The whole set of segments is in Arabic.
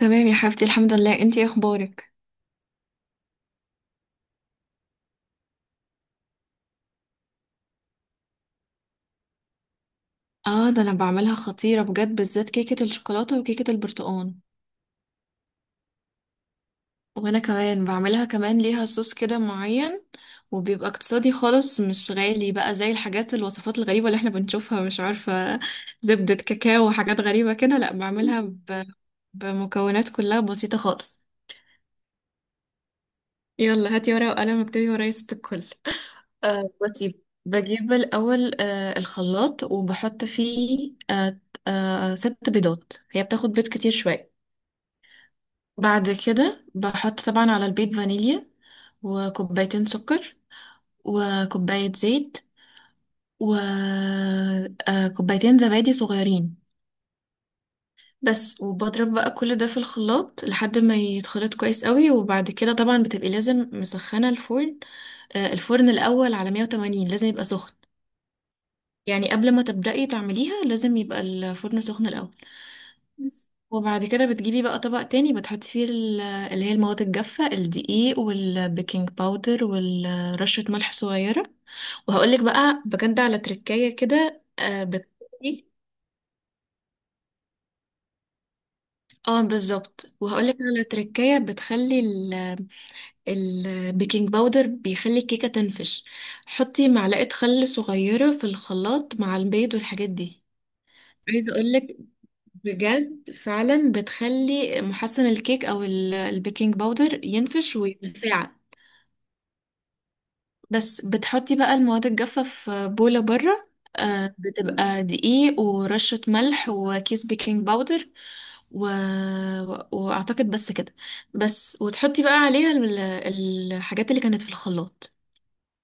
تمام يا حبيبتي، الحمد لله. انتي ايه اخبارك؟ اه، ده انا بعملها خطيرة بجد، بالذات كيكة الشوكولاتة وكيكة البرتقال. وانا كمان بعملها، كمان ليها صوص كده معين، وبيبقى اقتصادي خالص، مش غالي بقى زي الحاجات الوصفات الغريبة اللي احنا بنشوفها، مش عارفة زبدة كاكاو وحاجات غريبة كده. لا، بعملها بمكونات كلها بسيطة خالص. يلا هاتي ورقة وقلم، اكتبي ورايا ست الكل. بصي، بجيب الأول الخلاط وبحط فيه 6 بيضات، هي بتاخد بيض كتير شوية. بعد كده بحط طبعا على البيض فانيليا وكوبايتين سكر وكوباية زيت وكوبايتين زبادي صغيرين، بس. وبضرب بقى كل ده في الخلاط لحد ما يتخلط كويس قوي. وبعد كده طبعا بتبقي لازم مسخنة الفرن، الفرن الأول على 180، لازم يبقى سخن. يعني قبل ما تبدأي تعمليها لازم يبقى الفرن سخن الأول، بس. وبعد كده بتجيبي بقى طبق تاني بتحطي فيه اللي هي المواد الجافة، الدقيق والبيكنج باودر ورشة ملح صغيرة. وهقولك بقى بجد على تركاية كده، بتخلي. اه بالظبط، وهقولك على تركاية، بتخلي البيكنج باودر بيخلي الكيكة تنفش. حطي معلقة خل صغيرة في الخلاط مع البيض والحاجات دي، عايزة اقولك بجد، فعلا بتخلي محسن الكيك او البيكنج باودر ينفش ويتفاعل. بس بتحطي بقى المواد الجافة في بولة بره، بتبقى دقيق ورشة ملح وكيس بيكنج باودر و... واعتقد بس كده. بس وتحطي بقى عليها الحاجات اللي كانت في الخلاط.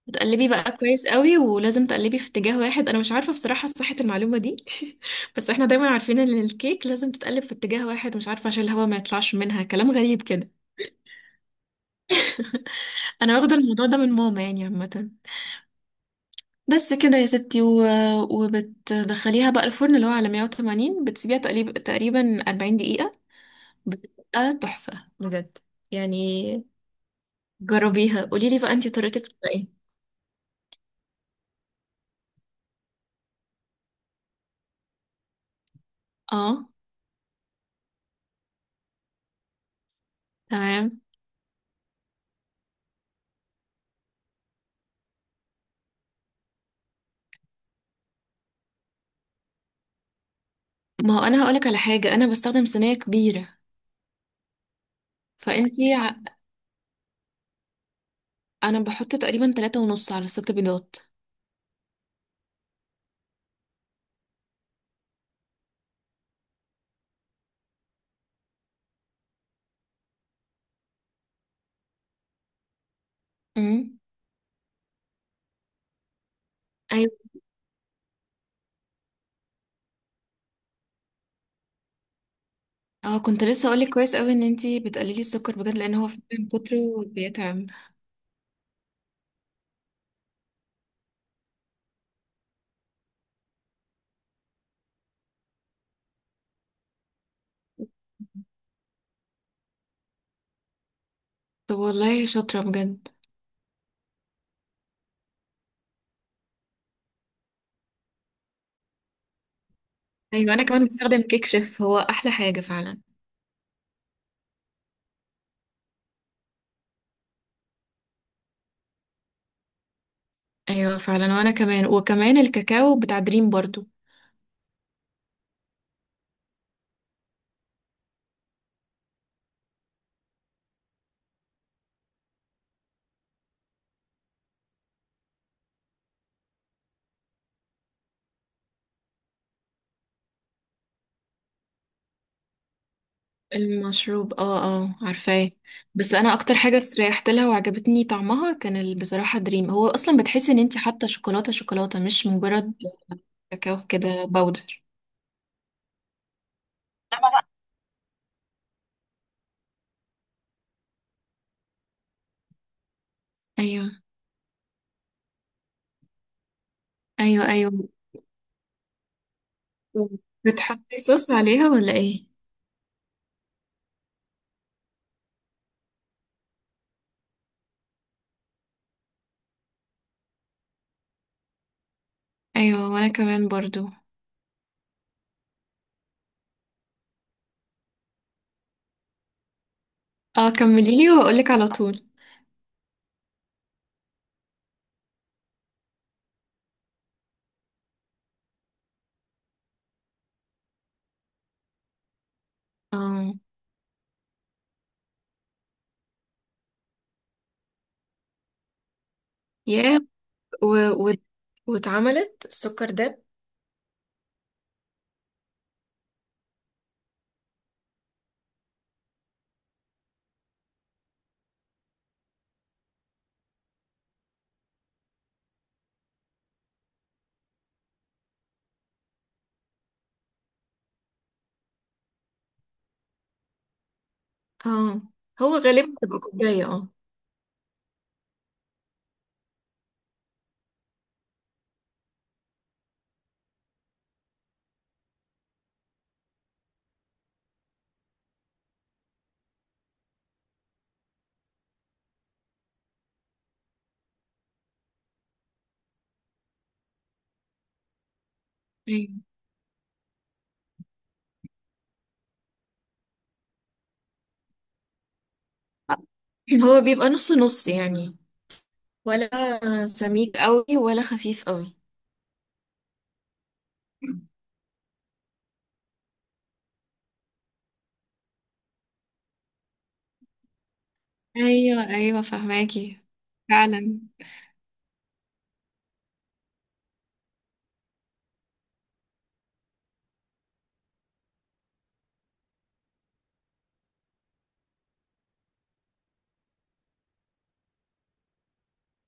بتقلبي بقى كويس قوي، ولازم تقلبي في اتجاه واحد، انا مش عارفه بصراحه صحه المعلومه دي. بس احنا دايما عارفين ان الكيك لازم تتقلب في اتجاه واحد، مش عارفه عشان الهواء ما يطلعش منها، كلام غريب كده. انا واخده الموضوع ده من ماما يعني، عامه. بس كده يا ستي، وبتدخليها بقى الفرن اللي هو على 180، بتسيبيها تقريبا 40 دقيقه. بتبقى تحفه بجد يعني. جربيها، قولي لي بقى انتي طريقتك بتبقى ايه؟ اه تمام. ما هو انا هقولك على حاجه، انا بستخدم صينيه كبيره. فانتي، انا بحط تقريبا تلاتة ونص على 6 بيضات. امم، ايوه. اه، كنت لسه اقولك كويس قوي ان انتي بتقللي السكر بجد، لان هو فعلا من كتره بيتعب. طب والله شاطرة بجد. ايوه، انا كمان بستخدم كيك شيف، هو احلى حاجة فعلا. ايوه فعلا، وانا كمان، وكمان الكاكاو بتاع دريم برضو. المشروب، اه اه، عارفاه. بس انا اكتر حاجة استريحت لها وعجبتني طعمها كان بصراحة دريم هو اصلا، بتحسي ان انتي حاطة شوكولاتة شوكولاتة، مش مجرد كاكاو كده باودر. ايوه ايوه ايوه. بتحطي صوص عليها ولا ايه؟ ايوه وانا كمان برضو. اه كمليلي واقولك على طول. اه، يا، و... و... واتعملت السكر داب. اه، هو غالبا بتبقى كوباية اه. أيوة. هو بيبقى نص نص يعني، ولا سميك قوي ولا خفيف قوي؟ ايوه ايوه، فهماكي، فعلا.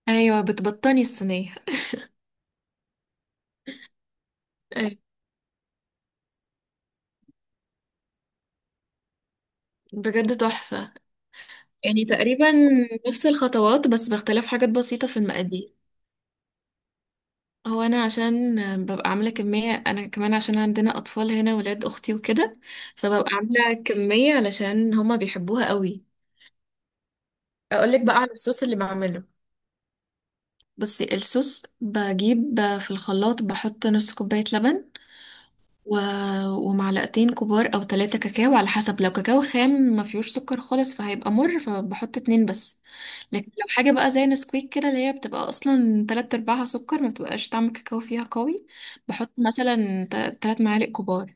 ايوه، بتبطني الصينيه. أيوة. بجد تحفة. يعني تقريبا نفس الخطوات، بس باختلاف حاجات بسيطة في المقادير. هو أنا عشان ببقى عاملة كمية، أنا كمان عشان عندنا أطفال هنا، ولاد أختي وكده، فببقى عاملة كمية علشان هما بيحبوها قوي. أقولك بقى على الصوص اللي بعمله. بصي، الصوص بجيب في الخلاط، بحط نص كوباية لبن و... ومعلقتين كبار او ثلاثة كاكاو، على حسب، لو كاكاو خام ما فيهوش سكر خالص فهيبقى مر، فبحط اتنين بس. لكن لو حاجة بقى زي نسكويك كده اللي هي بتبقى اصلا تلات ارباعها سكر، ما بتبقاش طعم الكاكاو فيها قوي، بحط مثلا 3 معالق كبار.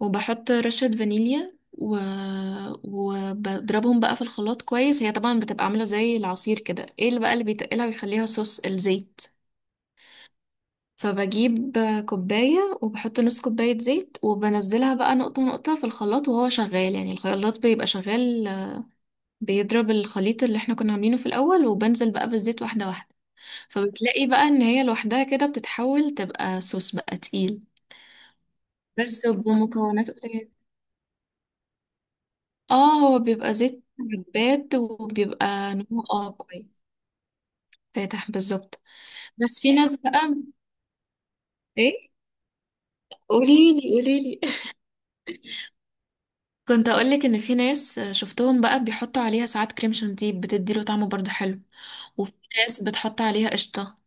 وبحط رشة فانيليا وبضربهم بقى في الخلاط كويس. هي طبعا بتبقى عاملة زي العصير كده، ايه اللي بقى اللي بيتقلها ويخليها صوص؟ الزيت. فبجيب كوباية وبحط نص كوباية زيت، وبنزلها بقى نقطة نقطة في الخلاط وهو شغال، يعني الخلاط بيبقى شغال، بيضرب الخليط اللي احنا كنا عاملينه في الأول، وبنزل بقى بالزيت واحدة واحدة. فبتلاقي بقى ان هي لوحدها كده بتتحول، تبقى صوص بقى تقيل، بس بمكونات قليلة. اه، هو بيبقى زيت زباد، وبيبقى نوعه اه كويس، فاتح بالظبط. بس في ناس بقى. ايه؟ قوليلي قوليلي. كنت اقولك ان في ناس شفتهم بقى بيحطوا عليها ساعات كريم شانتيه، بتدي له طعمه برضو حلو. وفي ناس بتحط عليها قشطه.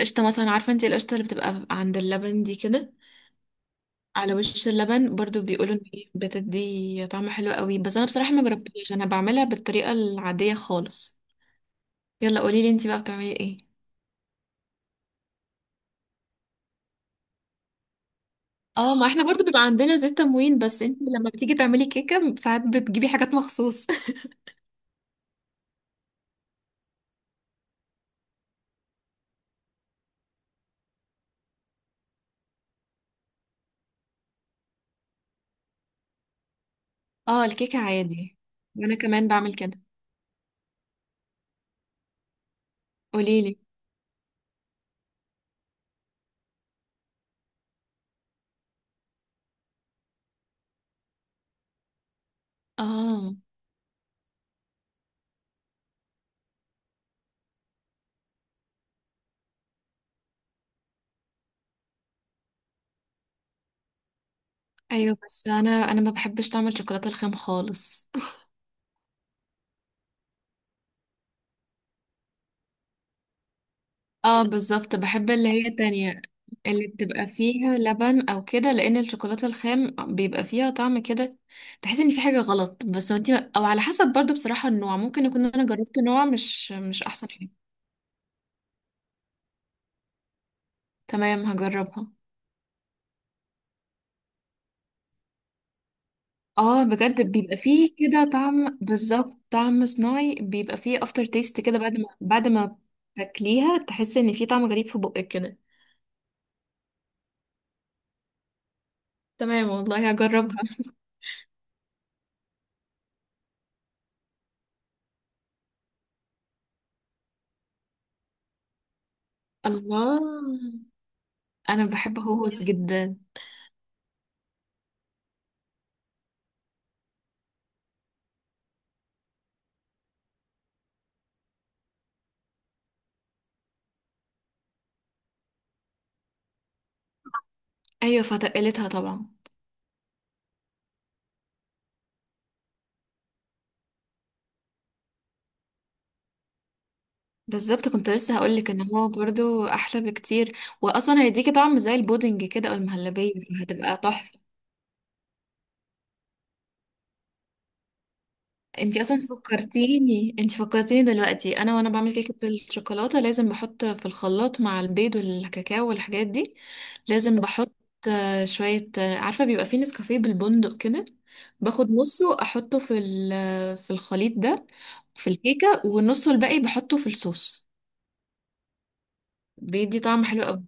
قشطه، مثلا عارفه انت القشطه اللي بتبقى عند اللبن دي كده، على وش اللبن، برضو بيقولوا ان هي بتدي طعم حلو قوي، بس انا بصراحه ما جربتهاش، انا بعملها بالطريقه العاديه خالص. يلا قوليلي انت بقى بتعملي ايه. اه، ما احنا برضو بيبقى عندنا زيت تموين، بس انت لما بتيجي تعملي كيكه ساعات بتجيبي حاجات مخصوص. اه، الكيكه عادي، وانا كمان بعمل كده. قوليلي. اه ايوه. بس انا ما بحبش طعم الشوكولاته الخام خالص. اه بالظبط، بحب اللي هي التانية، اللي بتبقى فيها لبن او كده، لان الشوكولاته الخام بيبقى فيها طعم كده، تحس ان في حاجه غلط، بس انت او على حسب برضو بصراحه النوع ممكن يكون انا جربت نوع مش احسن حاجه. تمام هجربها. اه بجد، بيبقى فيه كده طعم، بالظبط طعم صناعي، بيبقى فيه افتر تيست كده، بعد ما تاكليها تحس ان في طعم غريب في بقك كده. تمام والله هجربها. الله، انا بحب هوس جدا. ايوه فتقلتها طبعا. بالظبط، كنت لسه هقولك ان هو برضو احلى بكتير، واصلا هيديكي طعم زي البودنج كده او المهلبية، فهتبقى تحفة. انتي اصلا فكرتيني، انتي فكرتيني دلوقتي، انا وانا بعمل كيكه الشوكولاته لازم بحط في الخلاط مع البيض والكاكاو والحاجات دي، لازم بحط، آه، شويه، آه، عارفه بيبقى فيه نسكافيه بالبندق كده، باخد نصه احطه في في الخليط ده، في الكيكه، والنص الباقي بحطه في الصوص، بيدي طعم حلو قوي.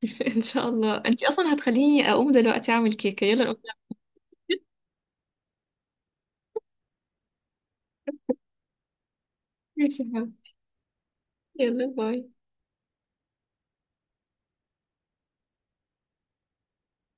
ان شاء الله. انتي اصلا هتخليني اقوم دلوقتي اعمل كيكه، يلا نقوم. ماشي يا حبيبي. يلا باي.